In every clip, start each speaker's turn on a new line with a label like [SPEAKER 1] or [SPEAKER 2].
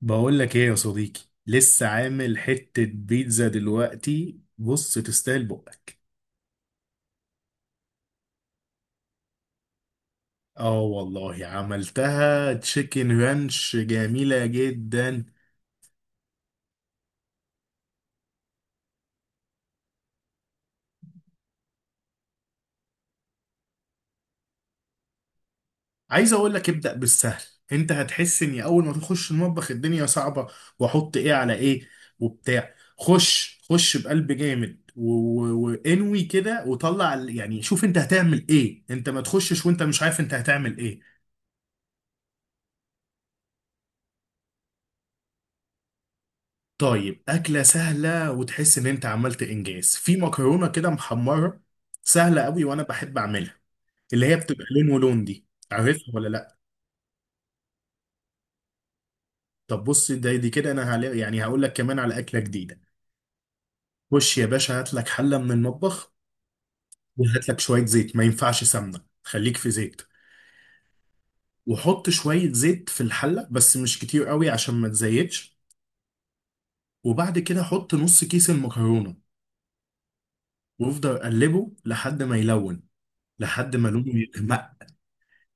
[SPEAKER 1] بقول لك ايه يا صديقي. لسه عامل حتة بيتزا دلوقتي، بص تستاهل بقك. اه والله عملتها تشيكن رانش جميلة جدا. عايز اقول لك ابدأ بالسهل. انت هتحس اني اول ما تخش المطبخ الدنيا صعبة، واحط ايه على ايه وبتاع. خش خش بقلب جامد وانوي كده وطلع يعني شوف انت هتعمل ايه، انت ما تخشش وانت مش عارف انت هتعمل ايه. طيب أكلة سهلة وتحس إن أنت عملت إنجاز، في مكرونة كده محمرة سهلة قوي وأنا بحب أعملها، اللي هي بتبقى لون ولون دي. عارفها ولا لأ؟ طب بص، دي كده أنا يعني هقول لك كمان على أكلة جديدة. خش يا باشا هات لك حلة من المطبخ، وهات لك شوية زيت، ما ينفعش سمنة، خليك في زيت. وحط شوية زيت في الحلة بس مش كتير قوي عشان ما تزيتش. وبعد كده حط نص كيس المكرونة وافضل قلبه لحد ما يلون، لحد ما لونه يغمق.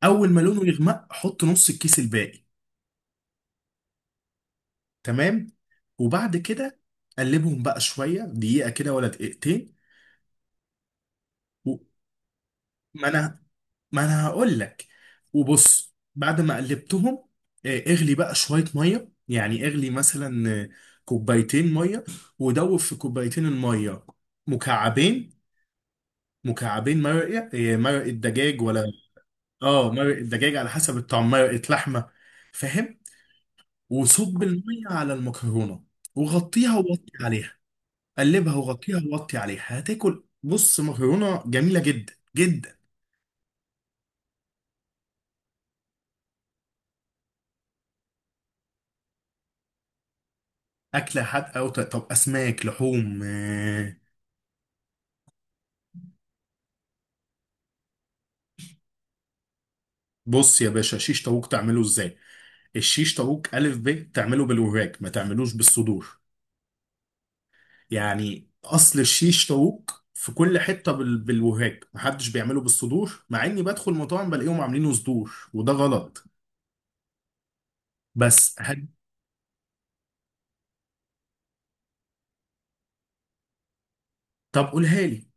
[SPEAKER 1] اول ما لونه يغمق حط نص الكيس الباقي. تمام. وبعد كده قلبهم بقى شويه دقيقه كده ولا دقيقتين. و... ما انا ما انا هقول لك. وبص بعد ما قلبتهم اغلي بقى شويه ميه، يعني اغلي مثلا كوبايتين ميه. ودوب في كوبايتين الميه مكعبين، مكعبين مرقه مرقه دجاج ولا، اه مرقه دجاج على حسب الطعم، مرقه لحمه، فاهم. وصب الميه على المكرونه وغطيها ووطي عليها. قلبها وغطيها ووطي عليها، هتاكل بص مكرونه جميله جدا جدا. اكله حادقه طب، اسماك، لحوم، آه. بص يا باشا شيش طاووق تعمله ازاي. الشيش طاووق الف ب تعمله بالوراك، ما تعملوش بالصدور. يعني اصل الشيش طاووق في كل حته بالوراك، محدش بيعمله بالصدور، مع اني بدخل مطاعم بلاقيهم عاملينه صدور وده غلط. بس هد... طب قولها لي.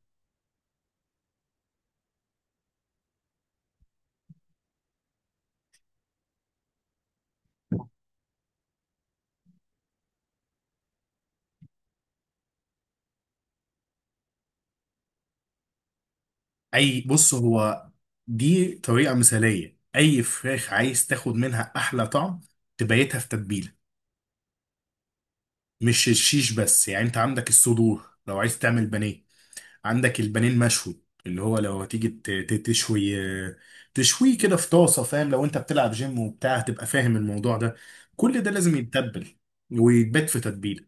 [SPEAKER 1] اي بص هو، دي طريقه مثاليه، اي فراخ عايز تاخد منها احلى طعم تبيتها في تتبيله. مش الشيش بس، يعني انت عندك الصدور لو عايز تعمل بانيه، عندك البانيه المشوي اللي هو لو هتيجي تشوي، تشويه كده في طاسه فاهم، لو انت بتلعب جيم وبتاع هتبقى فاهم الموضوع ده. كل ده لازم يتبل ويتبات في تتبيله.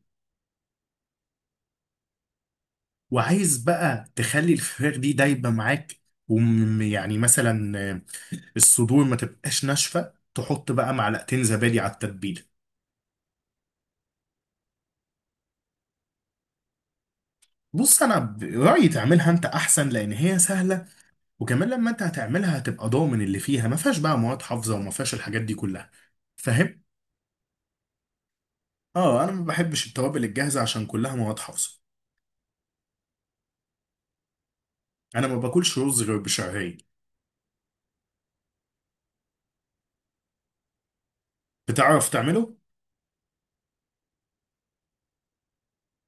[SPEAKER 1] وعايز بقى تخلي الفراخ دي دايبه معاك، ويعني مثلا الصدور ما تبقاش ناشفه، تحط بقى معلقتين زبادي على التتبيله. بص انا برايي تعملها انت احسن لان هي سهله، وكمان لما انت هتعملها هتبقى ضامن اللي فيها، ما فيهاش بقى مواد حافظه وما فيهاش الحاجات دي كلها، فاهم. اه انا ما بحبش التوابل الجاهزه عشان كلها مواد حافظه. انا ما باكلش رز غير بشعريه. بتعرف تعمله؟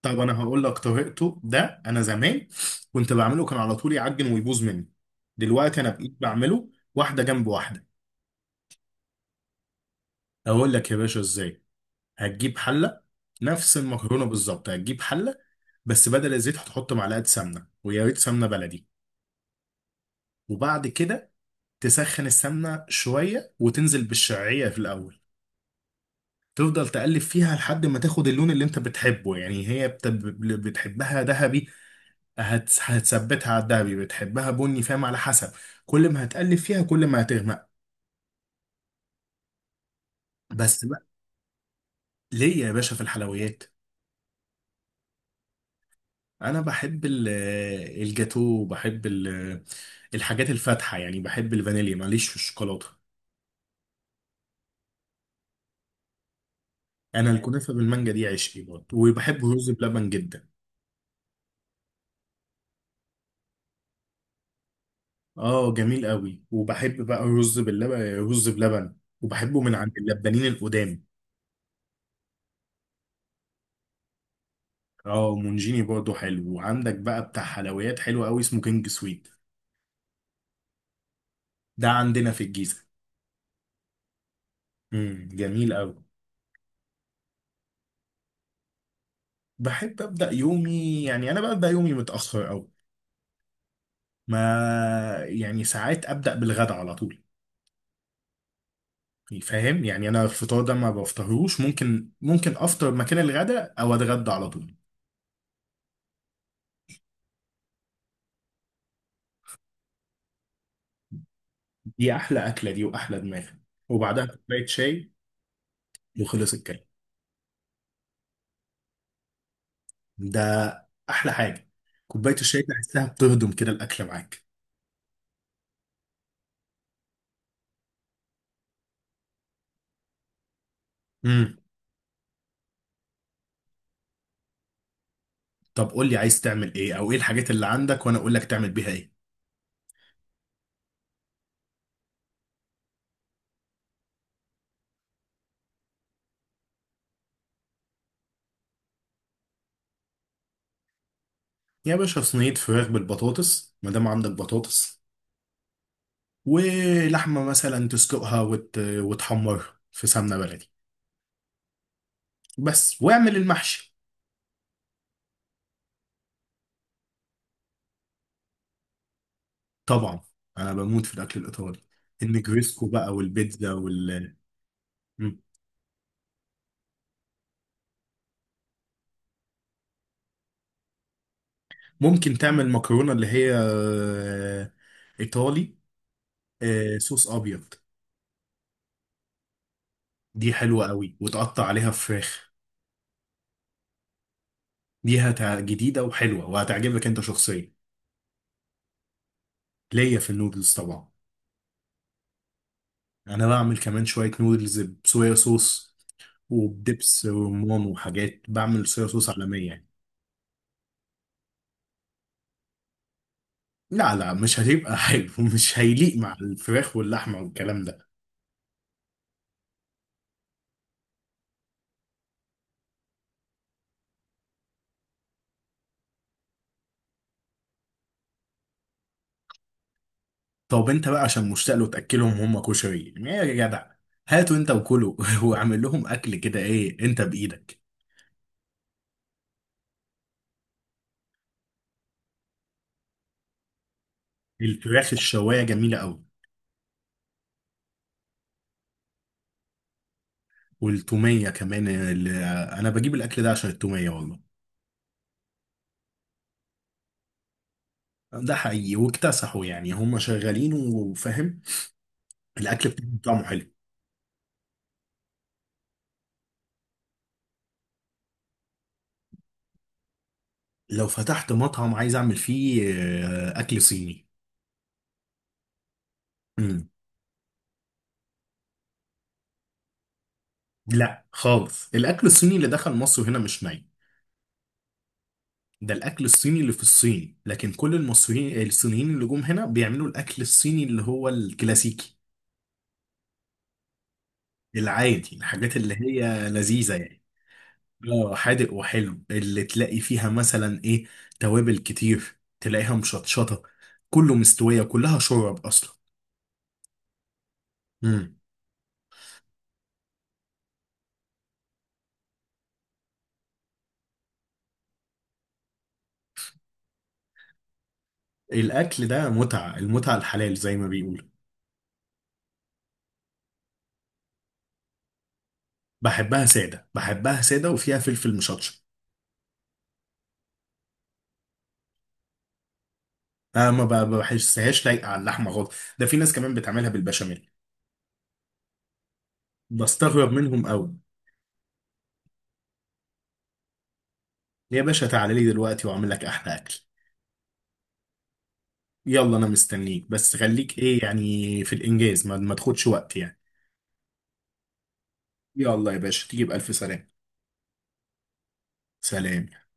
[SPEAKER 1] طب انا هقول لك طريقته. ده انا زمان كنت بعمله كان على طول يعجن ويبوظ مني، دلوقتي انا بقيت بعمله واحده جنب واحده. اقول لك يا باشا ازاي. هتجيب حله، نفس المكرونه بالظبط، هتجيب حله بس بدل الزيت هتحط معلقه سمنه، ويا ريت سمنه بلدي. وبعد كده تسخن السمنه شويه وتنزل بالشعريه في الاول. تفضل تقلب فيها لحد ما تاخد اللون اللي انت بتحبه، يعني هي بتحبها ذهبي هتثبتها على الذهبي، بتحبها بني، فاهم على حسب. كل ما هتقلب فيها كل ما هتغمق. بس بقى. ليه يا باشا في الحلويات؟ انا بحب الجاتو، بحب الحاجات الفاتحه، يعني بحب الفانيليا، معليش في الشوكولاته. انا الكنافه بالمانجا دي عشقي برضه، وبحب الرز بلبن جدا. اه جميل قوي، وبحب بقى الرز باللبن، رز بلبن، وبحبه من عند اللبانين القدام. اه مونجيني برضه حلو، وعندك بقى بتاع حلويات حلو قوي اسمه كينج سويت. ده عندنا في الجيزه. جميل قوي. بحب ابدا يومي، يعني انا ببدا يومي متاخر قوي، ما يعني ساعات ابدا بالغدا على طول، فاهم. يعني انا الفطار ده ما بفطرهوش، ممكن ممكن افطر مكان الغداء او اتغدى على طول. دي احلى اكله دي، واحلى دماغ، وبعدها كوبايه شاي وخلص الكلام. ده احلى حاجه، كوبايه الشاي تحسها بتهضم كده الاكل معاك. امم. طب قول لي عايز تعمل ايه، او ايه الحاجات اللي عندك وانا اقول لك تعمل بيها ايه. يا باشا صينيه فراخ بالبطاطس ما دام عندك بطاطس، ولحمه مثلا تسلقها وتحمرها في سمنه بلدي بس، واعمل المحشي. طبعا انا بموت في الاكل الايطالي، النجريسكو بقى والبيتزا وال مم. ممكن تعمل مكرونه اللي هي ايطالي صوص ابيض. دي حلوه قوي، وتقطع عليها فراخ. جديده وحلوه وهتعجبك انت شخصيا. ليا في النودلز طبعا، انا بعمل كمان شويه نودلز بصويا صوص وبدبس رمان وحاجات، بعمل صويا صوص عالميه يعني. لا لا مش هتبقى حلو مش هيليق مع الفراخ واللحمه والكلام ده. طب انت بقى عشان مشتاق له تاكلهم هم كشري، يعني ايه يا جدع، هاتوا انت وكلوا واعمل لهم اكل كده ايه انت بايدك. الفراخ الشوايه جميله قوي. والتوميه كمان اللي، انا بجيب الاكل ده عشان التوميه والله. ده حقيقي واكتسحوا، يعني هم شغالين وفاهم، الاكل بتاعهم طعمه حلو. لو فتحت مطعم عايز اعمل فيه اكل صيني. امم. لا خالص الاكل الصيني اللي دخل مصر هنا مش ني، ده الاكل الصيني اللي في الصين، لكن كل المصريين الصينيين اللي جم هنا بيعملوا الاكل الصيني اللي هو الكلاسيكي العادي، الحاجات اللي هي لذيذة يعني. اه حادق وحلو، اللي تلاقي فيها مثلا ايه، توابل كتير، تلاقيها مشطشطة، كله مستوية، كلها شورب اصلا. امم. الاكل ده متعة، المتعة الحلال زي ما بيقولوا. بحبها سادة، بحبها سادة وفيها فلفل مشطشط. انا ما ب- بحسهاش لايقة على اللحمة خالص، ده في ناس كمان بتعملها بالبشاميل، بستغرب منهم قوي. يا باشا تعالى لي دلوقتي واعمل لك احلى اكل. يلا انا مستنيك، بس خليك ايه يعني في الانجاز، ما تاخدش وقت يعني. يلا يا باشا تيجي بألف سلامة. سلام.